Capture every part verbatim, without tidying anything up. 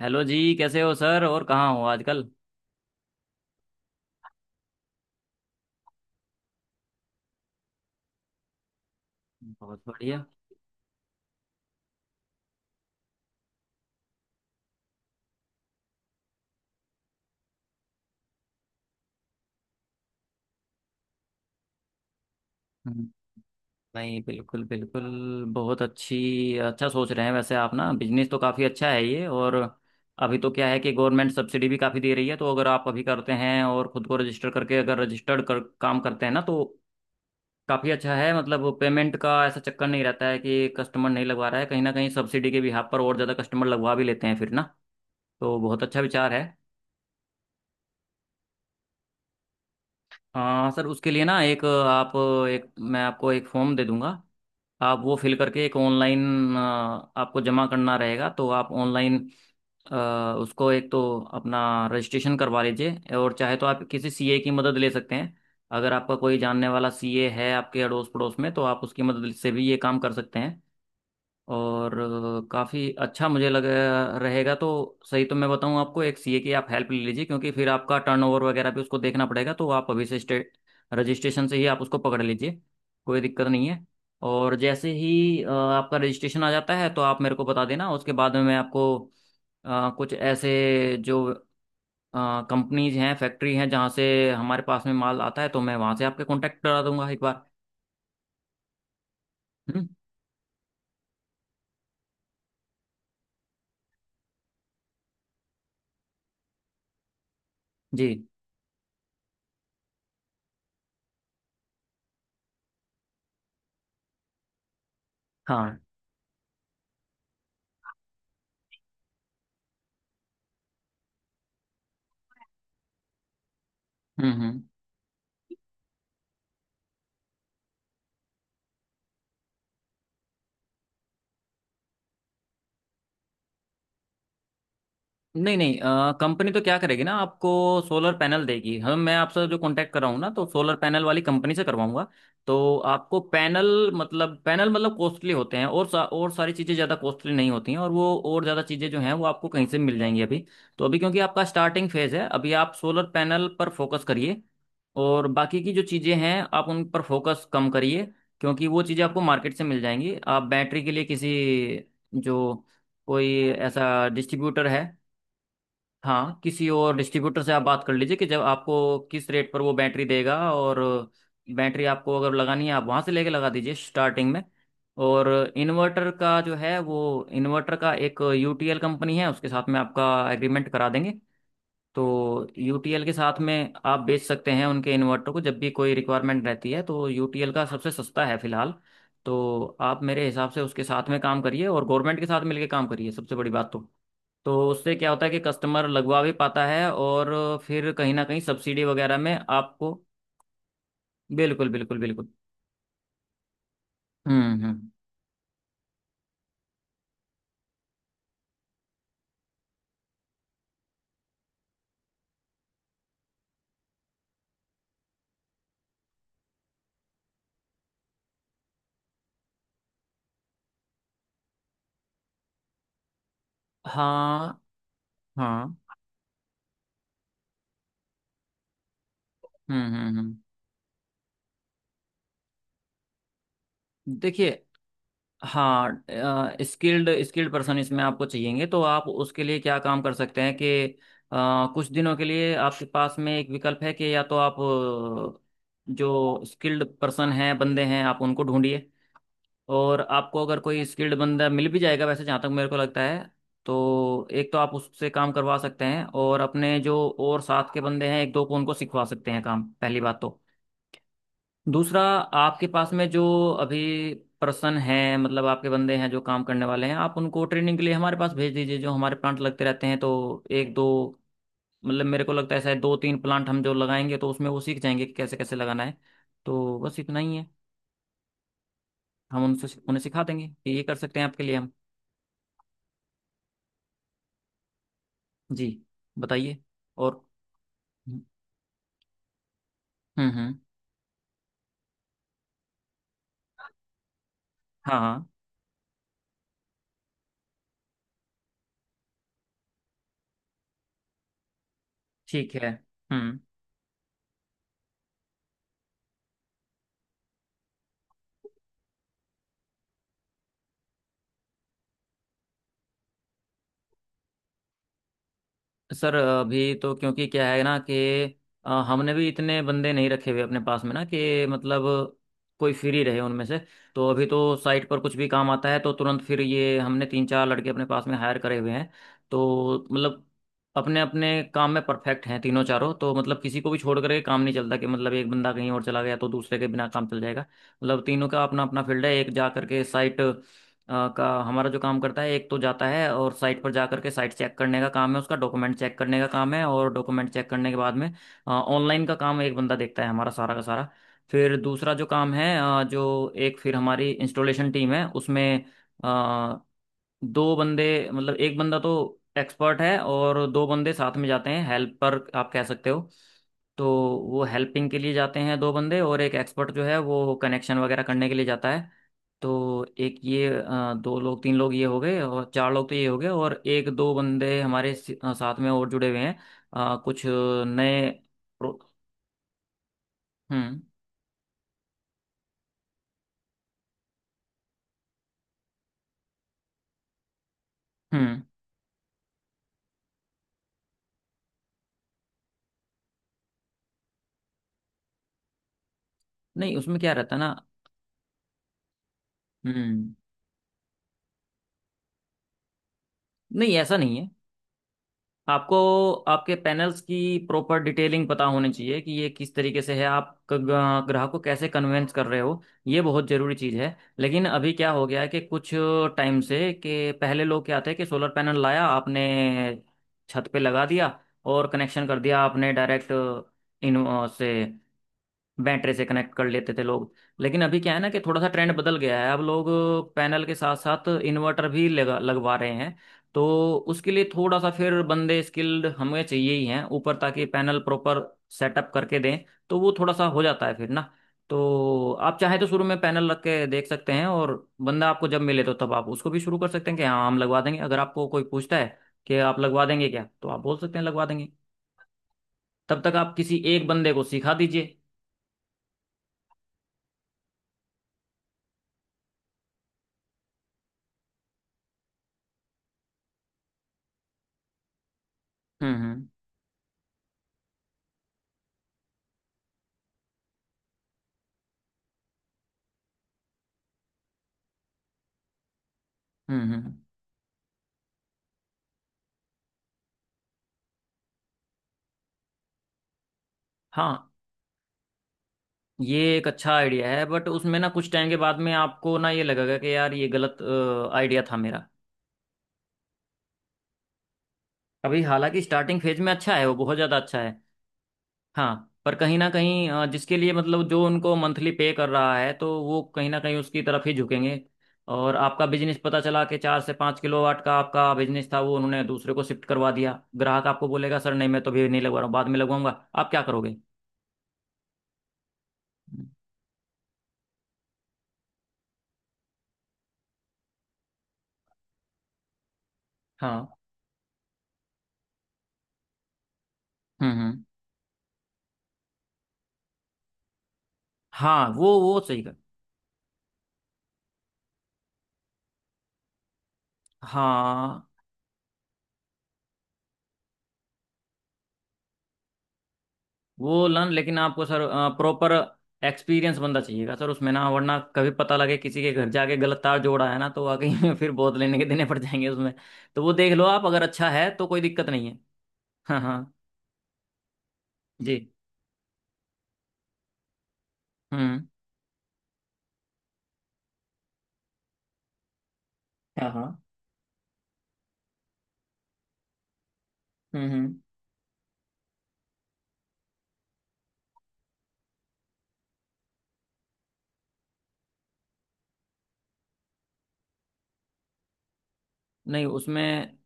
Hello जी, कैसे हो सर? और कहाँ हो आजकल? बहुत बढ़िया। हम्म। नहीं, बिल्कुल बिल्कुल। बहुत अच्छी अच्छा सोच रहे हैं वैसे आप ना, बिजनेस तो काफ़ी अच्छा है ये। और अभी तो क्या है कि गवर्नमेंट सब्सिडी भी काफ़ी दे रही है, तो अगर आप अभी करते हैं और खुद को रजिस्टर करके, अगर रजिस्टर्ड कर काम करते हैं ना, तो काफ़ी अच्छा है। मतलब पेमेंट का ऐसा चक्कर नहीं रहता है कि कस्टमर नहीं लगवा रहा है, कहीं ना कहीं सब्सिडी के बिहाफ पर और ज़्यादा कस्टमर लगवा भी लेते हैं फिर ना। तो बहुत अच्छा विचार है। हाँ सर, उसके लिए ना, एक आप, एक मैं आपको एक फॉर्म दे दूंगा। आप वो फिल करके, एक ऑनलाइन आपको जमा करना रहेगा, तो आप ऑनलाइन उसको एक तो अपना रजिस्ट्रेशन करवा लीजिए। और चाहे तो आप किसी सीए की मदद ले सकते हैं। अगर आपका कोई जानने वाला सीए है आपके अड़ोस पड़ोस में, तो आप उसकी मदद से भी ये काम कर सकते हैं। और अ, काफ़ी अच्छा मुझे लग रहेगा तो सही। तो मैं बताऊं आपको, एक सीए की आप हेल्प ले लीजिए, क्योंकि फिर आपका टर्नओवर वगैरह भी उसको देखना पड़ेगा, तो आप अभी से स्टेट रजिस्ट्रेशन से ही आप उसको पकड़ लीजिए। कोई दिक्कत नहीं है। और जैसे ही अ, आपका रजिस्ट्रेशन आ जाता है, तो आप मेरे को बता देना, उसके बाद में मैं आपको अ, कुछ ऐसे जो कंपनीज हैं, फैक्ट्री हैं, जहाँ से हमारे पास में माल आता है, तो मैं वहाँ से आपके कांटेक्ट करा दूंगा एक बार। हम्म। जी। हाँ। हम्म हम्म। नहीं नहीं, अ, कंपनी तो क्या करेगी ना आपको, सोलर पैनल देगी। हम, मैं आपसे जो कांटेक्ट कर रहा हूँ ना, तो सोलर पैनल वाली कंपनी से करवाऊंगा। तो आपको पैनल मतलब, पैनल मतलब कॉस्टली होते हैं, और सा, और सारी चीज़ें ज़्यादा कॉस्टली नहीं होती हैं। और वो और ज़्यादा चीज़ें जो हैं, वो आपको कहीं से मिल जाएंगी अभी। तो अभी क्योंकि आपका स्टार्टिंग फेज़ है, अभी आप सोलर पैनल पर फोकस करिए। और बाकी की जो चीज़ें हैं, आप उन पर फोकस कम करिए, क्योंकि वो चीज़ें आपको मार्केट से मिल जाएंगी। आप बैटरी के लिए किसी, जो कोई ऐसा डिस्ट्रीब्यूटर है। हाँ, किसी और डिस्ट्रीब्यूटर से आप बात कर लीजिए कि जब आपको किस रेट पर वो बैटरी देगा। और बैटरी आपको अगर लगानी है, आप वहाँ से लेके लगा दीजिए स्टार्टिंग में। और इन्वर्टर का जो है, वो इन्वर्टर का एक यूटीएल कंपनी है, उसके साथ में आपका एग्रीमेंट करा देंगे। तो यूटीएल के साथ में आप बेच सकते हैं उनके इन्वर्टर को, जब भी कोई रिक्वायरमेंट रहती है। तो यूटीएल का सबसे सस्ता है फिलहाल। तो आप मेरे हिसाब से उसके साथ में काम करिए, और गवर्नमेंट के साथ मिलके काम करिए, सबसे बड़ी बात तो। तो उससे क्या होता है कि कस्टमर लगवा भी पाता है। और फिर कहीं ना कहीं सब्सिडी वगैरह में आपको। बिल्कुल बिल्कुल बिल्कुल। हम्म हम्म। हाँ हाँ। हम्म हम्म हम्म। देखिए। हाँ, स्किल्ड स्किल्ड पर्सन इसमें आपको चाहिएंगे। तो आप उसके लिए क्या काम कर सकते हैं कि अ, कुछ दिनों के लिए आपके पास में एक विकल्प है, कि या तो आप अ, जो स्किल्ड पर्सन हैं, बंदे हैं, आप उनको ढूंढिए। और आपको अगर कोई स्किल्ड बंदा मिल भी जाएगा वैसे, जहाँ तक मेरे को लगता है, तो एक तो आप उससे काम करवा सकते हैं, और अपने जो और साथ के बंदे हैं एक दो को, उनको सिखवा सकते हैं काम, पहली बात तो। दूसरा, आपके पास में जो अभी पर्सन है, मतलब आपके बंदे हैं जो काम करने वाले हैं, आप उनको ट्रेनिंग के लिए हमारे पास भेज दीजिए, जो हमारे प्लांट लगते रहते हैं, तो एक दो, मतलब मेरे को लगता है शायद दो तीन प्लांट हम जो लगाएंगे, तो उसमें वो सीख जाएंगे कि कैसे कैसे लगाना है। तो बस इतना ही है। हम उनसे उन्हें सिखा देंगे कि ये कर सकते हैं आपके लिए हम। जी बताइए। और हम्म हम्म हम्म। हाँ हाँ। ठीक है। हम्म। सर अभी तो क्योंकि क्या है ना कि अ, हमने भी इतने बंदे नहीं रखे हुए अपने पास में ना, कि मतलब कोई फ्री रहे उनमें से। तो अभी तो साइट पर कुछ भी काम आता है तो तुरंत, फिर ये हमने तीन चार लड़के अपने पास में हायर करे हुए हैं। तो मतलब अपने अपने काम में परफेक्ट हैं तीनों चारों। तो मतलब किसी को भी छोड़ करके काम नहीं चलता कि मतलब एक बंदा कहीं और चला गया तो दूसरे के बिना काम चल जाएगा, मतलब तीनों का अपना अपना फील्ड है। एक जा करके साइट अ, का हमारा जो काम करता है एक, तो जाता है और साइट पर जा करके साइट चेक करने का काम है उसका, डॉक्यूमेंट चेक करने का काम है, और डॉक्यूमेंट चेक करने के बाद में ऑनलाइन का काम एक बंदा देखता है हमारा सारा का सारा। फिर दूसरा जो काम है अ, जो एक, फिर हमारी इंस्टॉलेशन टीम है, उसमें अ, दो बंदे, मतलब एक बंदा तो एक्सपर्ट है, और दो बंदे साथ में जाते हैं, हेल्पर आप कह सकते हो। तो वो हेल्पिंग के लिए जाते हैं दो बंदे, और एक एक्सपर्ट जो है वो कनेक्शन वगैरह करने के लिए जाता है। तो एक ये अ, दो लोग तीन लोग ये हो गए, और चार लोग तो ये हो गए। और एक दो बंदे हमारे सी- अ, साथ में और जुड़े हुए हैं, अ, कुछ नए प्रो- हम्म हम्म। नहीं उसमें क्या रहता है ना। हम्म। नहीं ऐसा नहीं है। आपको आपके पैनल्स की प्रॉपर डिटेलिंग पता होनी चाहिए कि ये किस तरीके से है, आप क- ग- ग्राहक को कैसे कन्वेंस कर रहे हो। ये बहुत ज़रूरी चीज़ है। लेकिन अभी क्या हो गया है कि कुछ टाइम से, कि पहले लोग क्या थे कि सोलर पैनल लाया आपने, छत पे लगा दिया, और कनेक्शन कर दिया आपने डायरेक्ट, इन से, बैटरी से कनेक्ट कर लेते थे लोग। लेकिन अभी क्या है ना कि थोड़ा सा ट्रेंड बदल गया है। अब लोग पैनल के साथ साथ इन्वर्टर भी लगा लगवा रहे हैं। तो उसके लिए थोड़ा सा फिर बंदे स्किल्ड हमें चाहिए ही हैं ऊपर, ताकि पैनल प्रॉपर सेटअप करके दें। तो वो थोड़ा सा हो जाता है फिर ना। तो आप चाहे तो शुरू में पैनल रख के देख सकते हैं, और बंदा आपको जब मिले तो तब आप उसको भी शुरू कर सकते हैं, कि हाँ हम लगवा देंगे। अगर आपको कोई पूछता है कि आप लगवा देंगे क्या, तो आप बोल सकते हैं लगवा देंगे। तब तक आप किसी एक बंदे को सिखा दीजिए। हम्म हम्म हम्म हम्म। हाँ, ये एक अच्छा आइडिया है, बट उसमें ना कुछ टाइम के बाद में आपको ना ये लगेगा कि यार ये गलत आइडिया था मेरा। अभी हालांकि स्टार्टिंग फेज में अच्छा है, वो बहुत ज़्यादा अच्छा है। हाँ, पर कहीं ना कहीं अ, जिसके लिए मतलब जो उनको मंथली पे कर रहा है, तो वो कहीं ना कहीं उसकी तरफ ही झुकेंगे। और आपका बिजनेस पता चला कि चार से पाँच किलो वाट का आपका बिजनेस था, वो उन्होंने दूसरे को शिफ्ट करवा दिया। ग्राहक आपको बोलेगा सर नहीं, मैं तो अभी नहीं लगवा रहा हूँ, बाद में लगवाऊंगा। आप क्या करोगे? हाँ। हम्म हम्म। हाँ, वो वो सही कर। हाँ, वो लर्न, लेकिन आपको सर प्रॉपर एक्सपीरियंस बंदा चाहिएगा सर उसमें ना, वरना कभी पता लगे किसी के घर जाके गलत तार जोड़ा है ना, तो वाकई फिर बहुत लेने के देने पड़ जाएंगे उसमें। तो वो देख लो आप, अगर अच्छा है तो कोई दिक्कत नहीं है। हाँ हाँ। जी। हम्म। हाँ हाँ। हम्म हम्म। नहीं उसमें,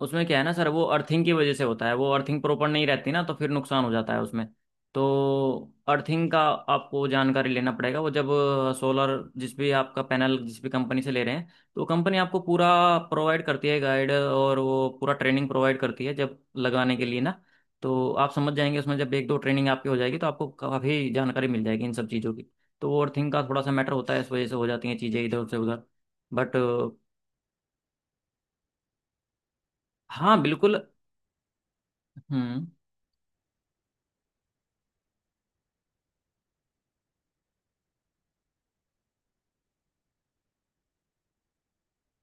उसमें क्या है ना सर, वो अर्थिंग की वजह से होता है। वो अर्थिंग प्रॉपर नहीं रहती ना, तो फिर नुकसान हो जाता है उसमें। तो अर्थिंग का आपको जानकारी लेना पड़ेगा। वो जब सोलर जिस भी आपका पैनल जिस भी कंपनी से ले रहे हैं, तो कंपनी आपको पूरा प्रोवाइड करती है गाइड, और वो पूरा ट्रेनिंग प्रोवाइड करती है जब लगाने के लिए ना। तो आप समझ जाएंगे उसमें, जब एक दो ट्रेनिंग आपकी हो जाएगी, तो आपको काफ़ी जानकारी मिल जाएगी इन सब चीज़ों की। तो वो अर्थिंग का थोड़ा सा मैटर होता है, इस वजह से हो जाती हैं चीज़ें इधर से उधर। बट। हाँ बिल्कुल। हम्म।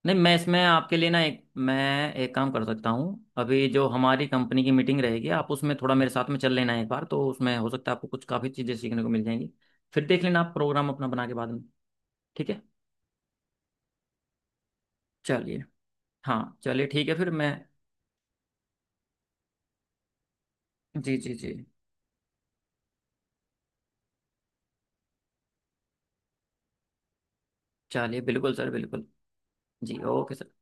नहीं मैं इसमें आपके लिए ना, एक मैं एक काम कर सकता हूँ, अभी जो हमारी कंपनी की मीटिंग रहेगी, आप उसमें थोड़ा मेरे साथ में चल लेना एक बार। तो उसमें हो सकता है आपको कुछ काफ़ी चीज़ें सीखने को मिल जाएंगी। फिर देख लेना आप प्रोग्राम अपना बना के बाद में। ठीक है। चलिए। हाँ चलिए, ठीक है। फिर मैं। जी जी जी। चलिए बिल्कुल सर बिल्कुल। जी ओके सर।